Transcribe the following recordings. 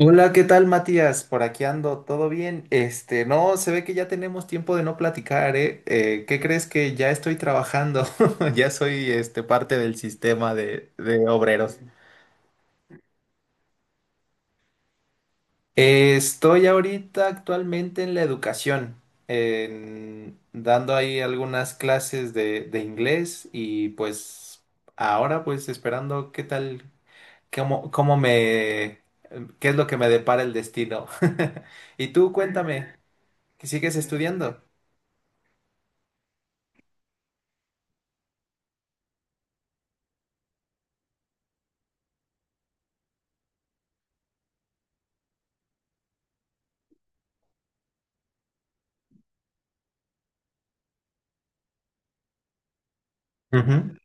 Hola, ¿qué tal, Matías? Por aquí ando, ¿todo bien? Este, no, se ve que ya tenemos tiempo de no platicar, ¿eh? ¿Qué crees que ya estoy trabajando? Ya soy, este, parte del sistema de obreros. Estoy ahorita actualmente en la educación, dando ahí algunas clases de inglés y pues ahora pues esperando qué tal, cómo, cómo me, qué es lo que me depara el destino. Y tú, cuéntame. ¿Que sigues estudiando? Ujú.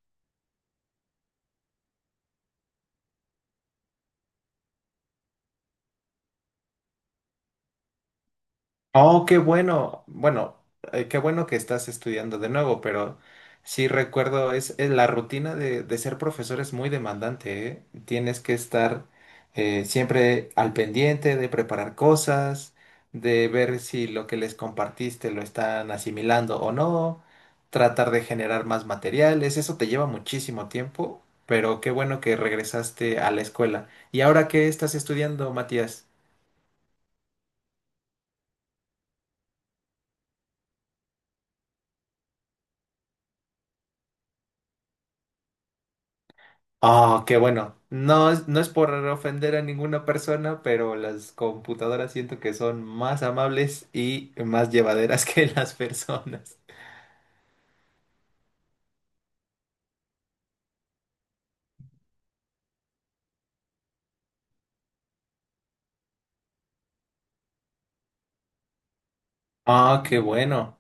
Oh, qué bueno. Bueno, qué bueno que estás estudiando de nuevo, pero sí recuerdo, es la rutina de ser profesor es muy demandante, ¿eh? Tienes que estar siempre al pendiente de preparar cosas, de ver si lo que les compartiste lo están asimilando o no, tratar de generar más materiales. Eso te lleva muchísimo tiempo, pero qué bueno que regresaste a la escuela. ¿Y ahora qué estás estudiando, Matías? Ah, qué bueno. No, no es por ofender a ninguna persona, pero las computadoras siento que son más amables y más llevaderas que las personas. Ah, qué bueno.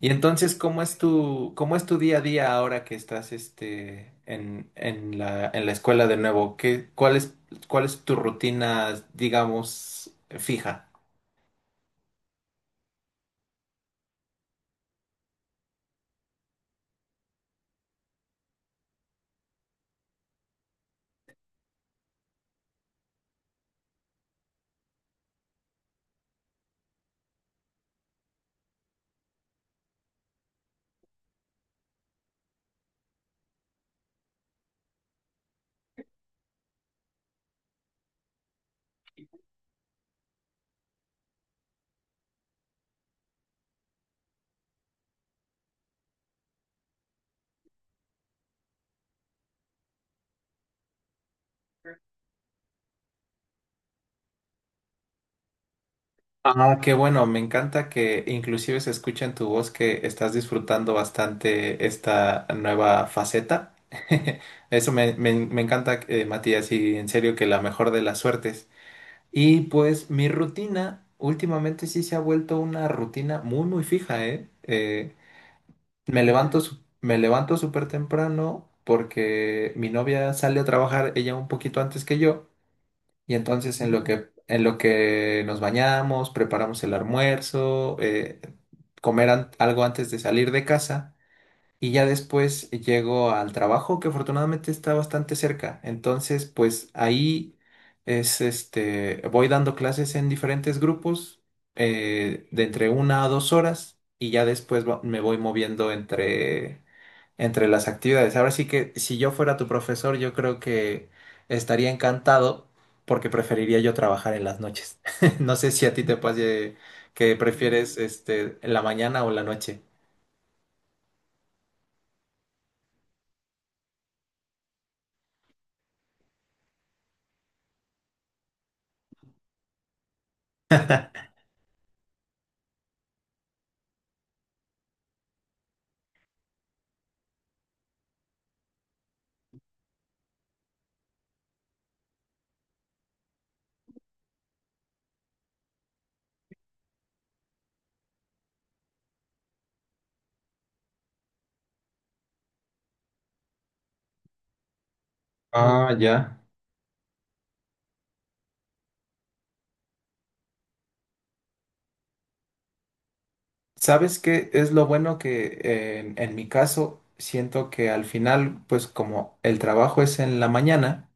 Y entonces, ¿cómo es tu día a día ahora que estás este, en la escuela de nuevo? ¿Cuál es tu rutina, digamos, fija? Ah, qué bueno, me encanta que inclusive se escucha en tu voz que estás disfrutando bastante esta nueva faceta. Me encanta, Matías, y en serio que la mejor de las suertes. Y pues mi rutina últimamente sí se ha vuelto una rutina muy, muy fija, ¿eh? Me levanto súper temprano porque mi novia sale a trabajar, ella un poquito antes que yo. Y entonces en lo que nos bañamos, preparamos el almuerzo, algo antes de salir de casa y ya después llego al trabajo que afortunadamente está bastante cerca. Entonces, pues ahí es este, voy dando clases en diferentes grupos de entre 1 a 2 horas y ya después me voy moviendo entre las actividades. Ahora sí que si yo fuera tu profesor, yo creo que estaría encantado porque preferiría yo trabajar en las noches. No sé si a ti te pase que prefieres este, la mañana o la noche. Ah, ya. ¿Sabes qué es lo bueno que en mi caso siento que al final, pues como el trabajo es en la mañana,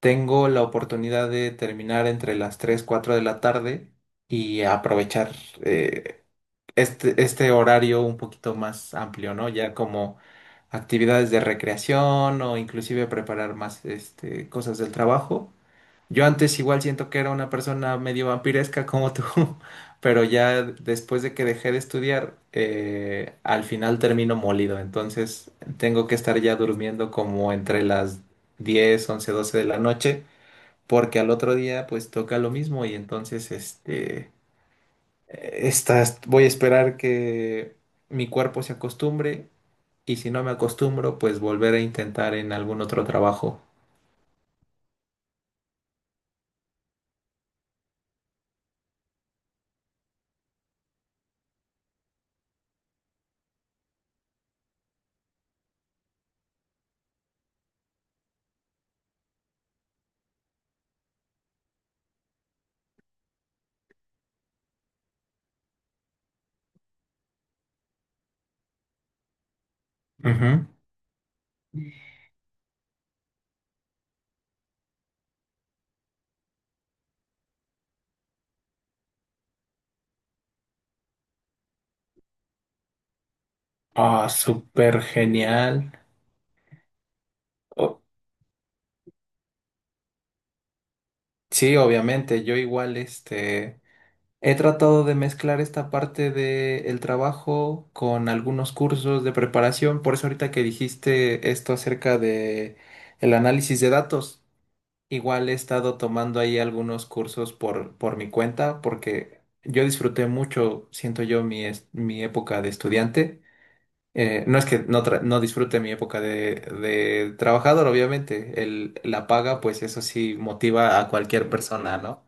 tengo la oportunidad de terminar entre las 3, 4 de la tarde y aprovechar eh, este horario un poquito más amplio, ¿no? Ya como actividades de recreación o inclusive preparar más este, cosas del trabajo. Yo antes igual siento que era una persona medio vampiresca como tú, pero ya después de que dejé de estudiar, al final termino molido, entonces tengo que estar ya durmiendo como entre las 10, 11, 12 de la noche, porque al otro día pues toca lo mismo y entonces este estas, voy a esperar que mi cuerpo se acostumbre y si no me acostumbro, pues volver a intentar en algún otro trabajo. Ujú. Ah, súper genial. O- sí, obviamente, yo igual este he tratado de mezclar esta parte del trabajo con algunos cursos de preparación, por eso ahorita que dijiste esto acerca de el análisis de datos. Igual he estado tomando ahí algunos cursos por mi cuenta porque yo disfruté mucho, siento yo, mi época de estudiante. No es que no disfrute mi época de trabajador, obviamente. El, la paga, pues eso sí motiva a cualquier persona, ¿no?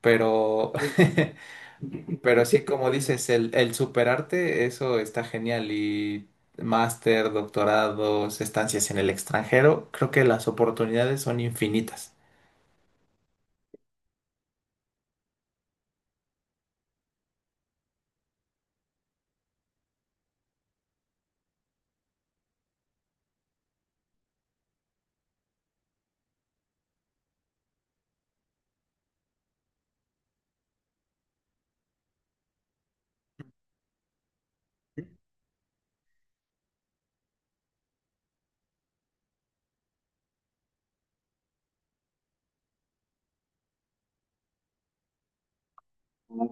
Pero, pero sí, como dices, el superarte, eso está genial. Y máster, doctorados, estancias en el extranjero, creo que las oportunidades son infinitas.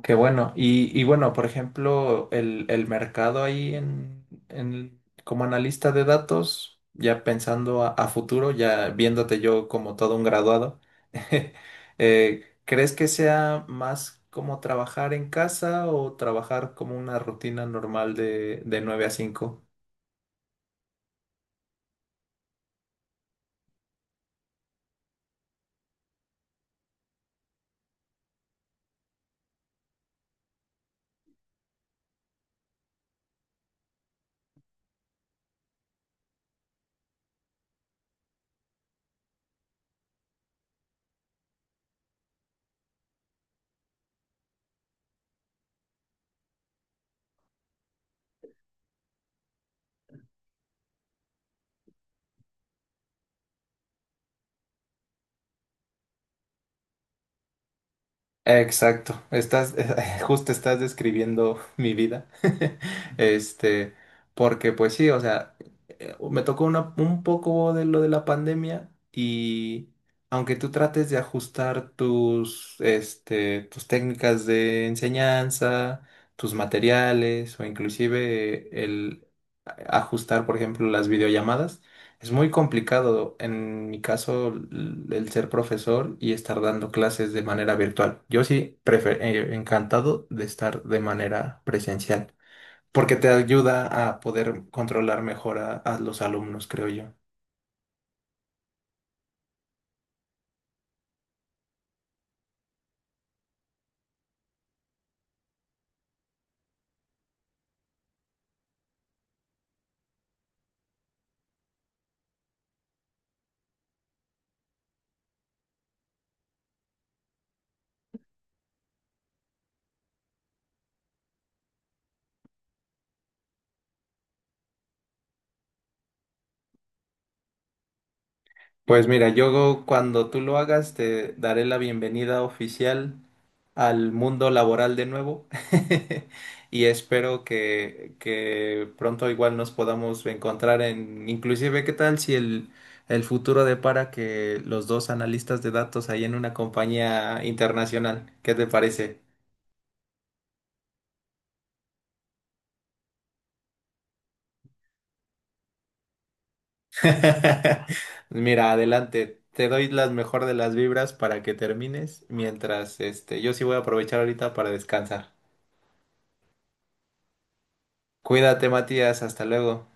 Qué bueno. Y bueno, por ejemplo, el mercado ahí en como analista de datos, ya pensando a futuro, ya viéndote yo como todo un graduado, ¿crees que sea más como trabajar en casa o trabajar como una rutina normal de 9 a 5? Exacto, justo estás describiendo mi vida. Este, porque pues sí, o sea, me tocó un poco de lo de la pandemia y aunque tú trates de ajustar tus, este, tus técnicas de enseñanza, tus materiales o inclusive el ajustar, por ejemplo, las videollamadas, es muy complicado en mi caso el ser profesor y estar dando clases de manera virtual. Yo sí, prefer encantado de estar de manera presencial porque te ayuda a poder controlar mejor a los alumnos, creo yo. Pues mira, yo cuando tú lo hagas te daré la bienvenida oficial al mundo laboral de nuevo. Y espero que pronto igual nos podamos encontrar en, inclusive, ¿qué tal si el futuro depara que los dos analistas de datos ahí en una compañía internacional? ¿Qué te parece? Mira, adelante. Te doy las mejor de las vibras para que termines, mientras este, yo sí voy a aprovechar ahorita para descansar. Cuídate, Matías, hasta luego.